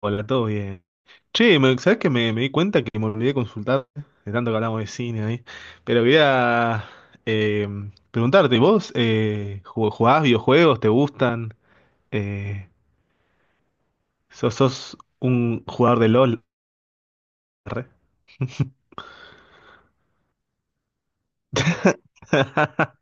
Hola, todo bien. Che, ¿sabés que me di cuenta que me olvidé de consultar de tanto que hablamos de cine ahí? Pero quería eh, preguntarte, ¿vos jugás videojuegos? ¿Te gustan? Eh, ¿sos un jugador de LOL? Re.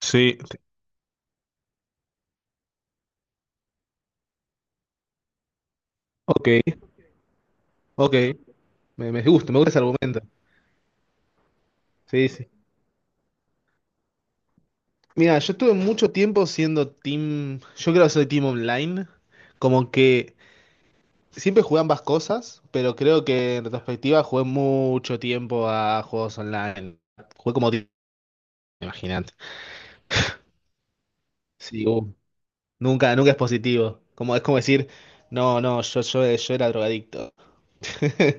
Sí. Ok, ok. Me gusta, me gusta ese argumento. Sí, sí. Mira, yo estuve mucho tiempo siendo team. Yo creo que soy team online. Como que. Siempre jugué ambas cosas, pero creo que en retrospectiva jugué mucho tiempo a juegos online. Jugué como ti- Imagínate. Sí, nunca, nunca es positivo. Como, es como decir, no, no, yo era drogadicto.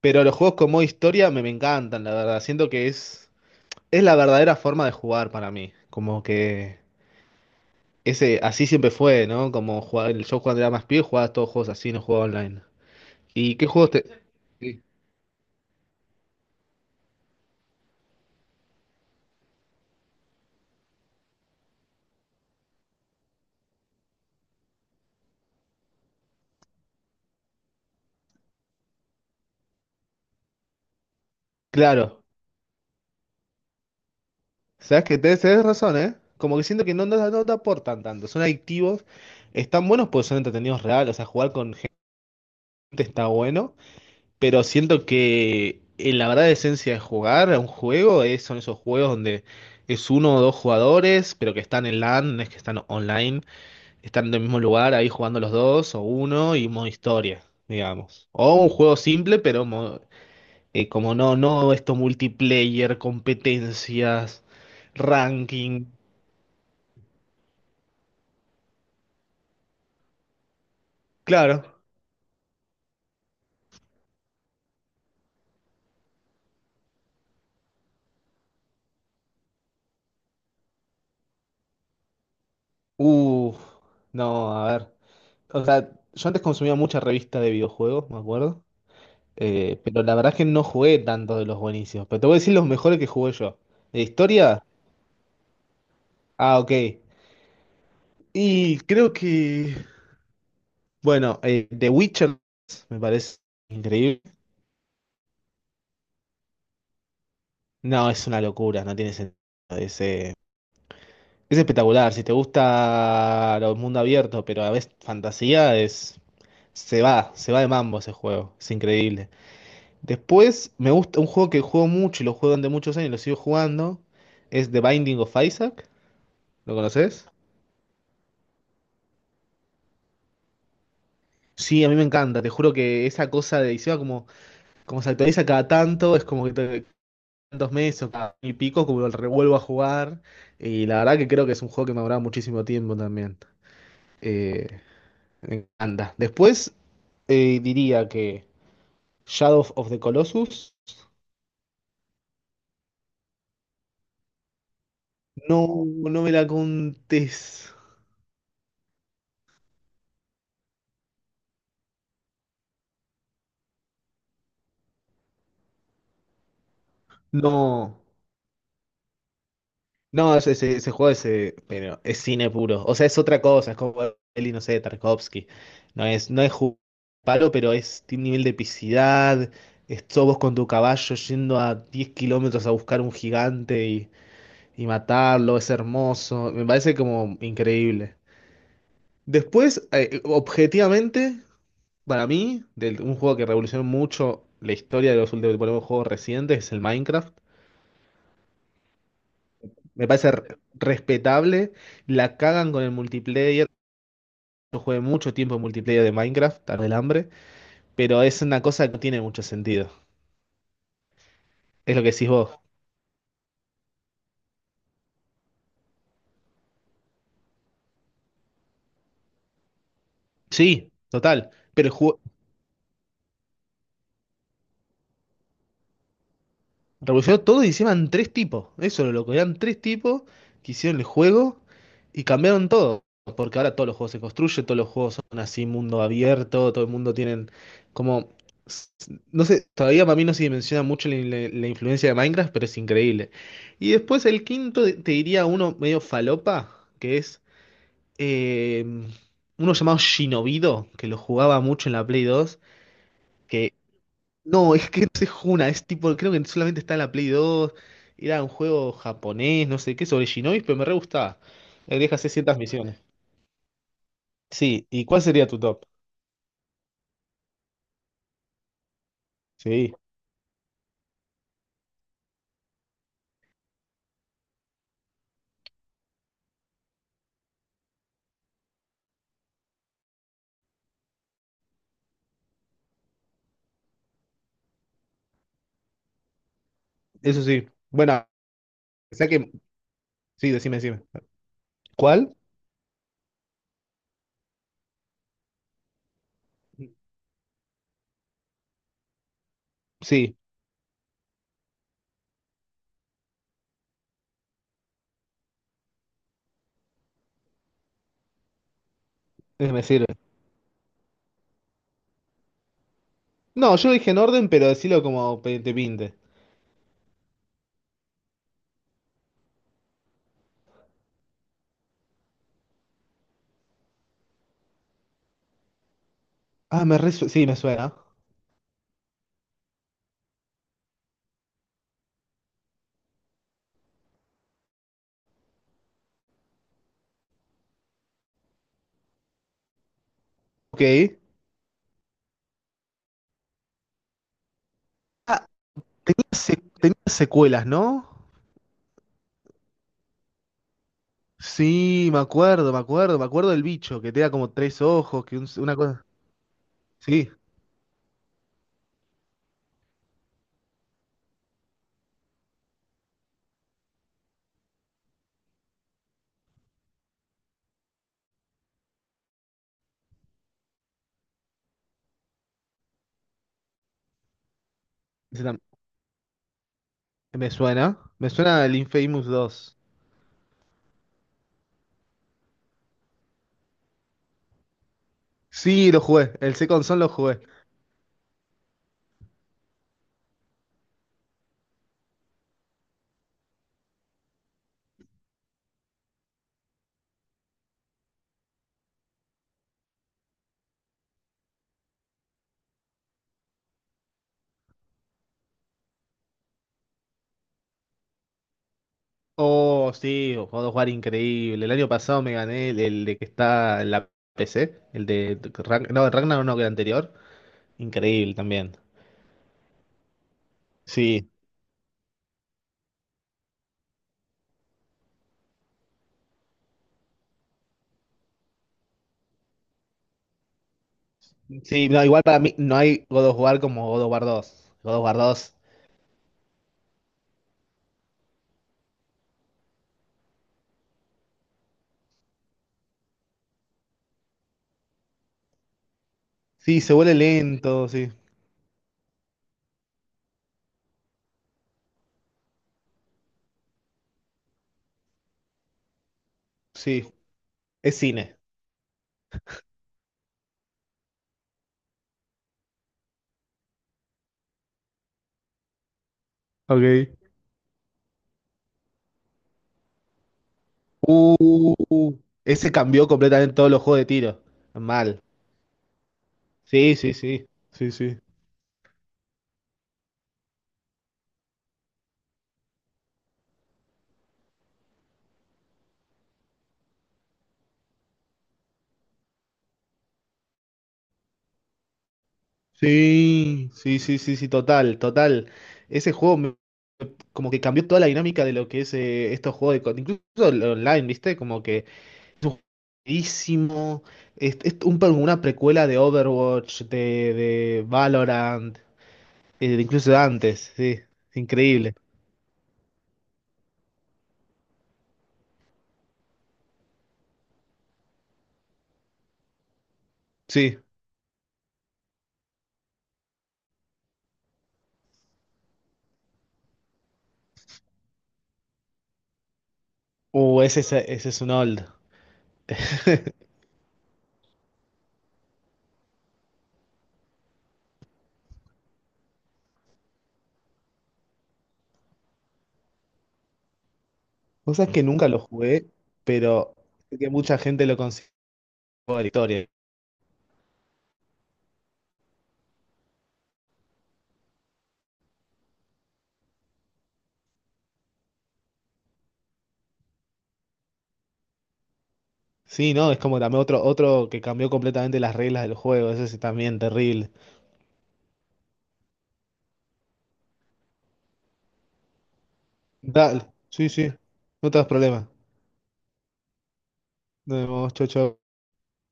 Pero los juegos con modo historia me encantan, la verdad. Siento que es la verdadera forma de jugar para mí. Como que ese, así siempre fue, ¿no? Como jugar, yo cuando era más pibe jugaba todos juegos así, no jugaba online. ¿Y qué juegos te...? Sí. Claro. Sabes que tenés razón, ¿eh? Como que siento que no, no, no te aportan tanto. Son adictivos, están buenos porque son entretenidos reales. O sea, jugar con gente está bueno, pero siento que la verdadera esencia de jugar a un juego es, son esos juegos donde es uno o dos jugadores, pero que están en LAN, no es que están online, están en el mismo lugar ahí jugando los dos o uno y modo historia, digamos. O un juego simple, pero como no, no esto multiplayer, competencias ranking. Claro. Uh, no, a ver. O sea, yo antes consumía mucha revista de videojuegos, me acuerdo. Pero la verdad es que no jugué tantos de los buenísimos. Pero te voy a decir los mejores que jugué yo. ¿De historia? Ah, ok. Y creo que. Bueno, The Witcher me parece increíble. No, es una locura, no tiene sentido. Es, eh, es espectacular. Si te gusta el mundo abierto, pero a veces fantasía, es. Se va de mambo ese juego. Es increíble. Después me gusta un juego que juego mucho y lo juego durante muchos años y lo sigo jugando. Es The Binding of Isaac. ¿Lo conoces? Sí, a mí me encanta. Te juro que esa cosa de encima como, como se actualiza cada tanto, es como que tantos meses o cada año y pico, como lo revuelvo a jugar. Y la verdad que creo que es un juego que me ha durado muchísimo tiempo también. Eh, me encanta. Después diría que Shadow of the Colossus. No, no me la contés. No. No, ese juego es, pero es cine puro. O sea, es otra cosa, es como el, no sé, de Tarkovsky. No es, palo, pero es, tiene un nivel de epicidad. Es sos vos con tu caballo yendo a 10 kilómetros a buscar un gigante y matarlo. Es hermoso. Me parece como increíble. Después, objetivamente, para mí, un juego que revolucionó mucho la historia de los últimos por ejemplo, juegos recientes es el Minecraft. Me parece respetable. La cagan con el multiplayer. Yo jugué mucho tiempo en multiplayer de Minecraft, tarde el hambre, pero es una cosa que no tiene mucho sentido. Es lo que decís vos. Sí, total. Pero el juego revolucionó todo y encima en tres tipos. Eso lo loco. Eran tres tipos que hicieron el juego y cambiaron todo. Porque ahora todos los juegos se construyen, todos los juegos son así, mundo abierto, todo el mundo tienen como. No sé, todavía para mí no se dimensiona mucho la influencia de Minecraft, pero es increíble. Y después el quinto, te diría uno medio falopa, que es eh, uno llamado Shinobido, que lo jugaba mucho en la Play 2 que no, es que no se juna, es tipo, creo que solamente está en la Play 2 era un juego japonés, no sé qué, sobre Shinobis, pero me re gustaba. Deja 600 misiones. Sí, ¿y cuál sería tu top? Sí, eso sí. Bueno, o sea que, sí, decime, decime. ¿Cuál? Sí, ese me sirve. No, yo lo dije en orden, pero decilo como te pinte. Ah, me re, sí, me suena. Ok. Ah, tenía, tenía secuelas, ¿no? Sí, me acuerdo, me acuerdo, me acuerdo del bicho, que tenía como tres ojos, que una cosa. Sí, ese tam- me suena. Me suena el Infamous dos. Sí, lo jugué. El Second Son lo jugué. Oh, sí, lo puedo jugar increíble. El año pasado me gané el de que está en la PC, el de Ragnar, no, el Ragnar no, que el anterior. Increíble también. Sí, sí, no, igual para mí no hay God of War como God of War dos. God of War dos. Sí, se vuelve lento, sí. Sí, es cine. Ok. Uh, ese cambió completamente todos los juegos de tiro. Mal. Sí, sí, sí. Sí, sí. Sí, sí, sí, sí, sí, total, total. Ese juego me- como que cambió toda la dinámica de lo que es estos juegos de... Incluso el online, ¿viste? Como que es un jueguísimo. Es un una precuela de Overwatch, de Valorant, incluso de antes, sí. Increíble. Sí. Ese, ese es un old. Vos sabés que nunca lo jugué, pero sé que mucha gente lo considera juego de la historia. Sí, ¿no? Es como también otro, otro que cambió completamente las reglas del juego. Ese es también terrible. Dale, sí, sí. No te das problema. Nos vemos, chau, chau.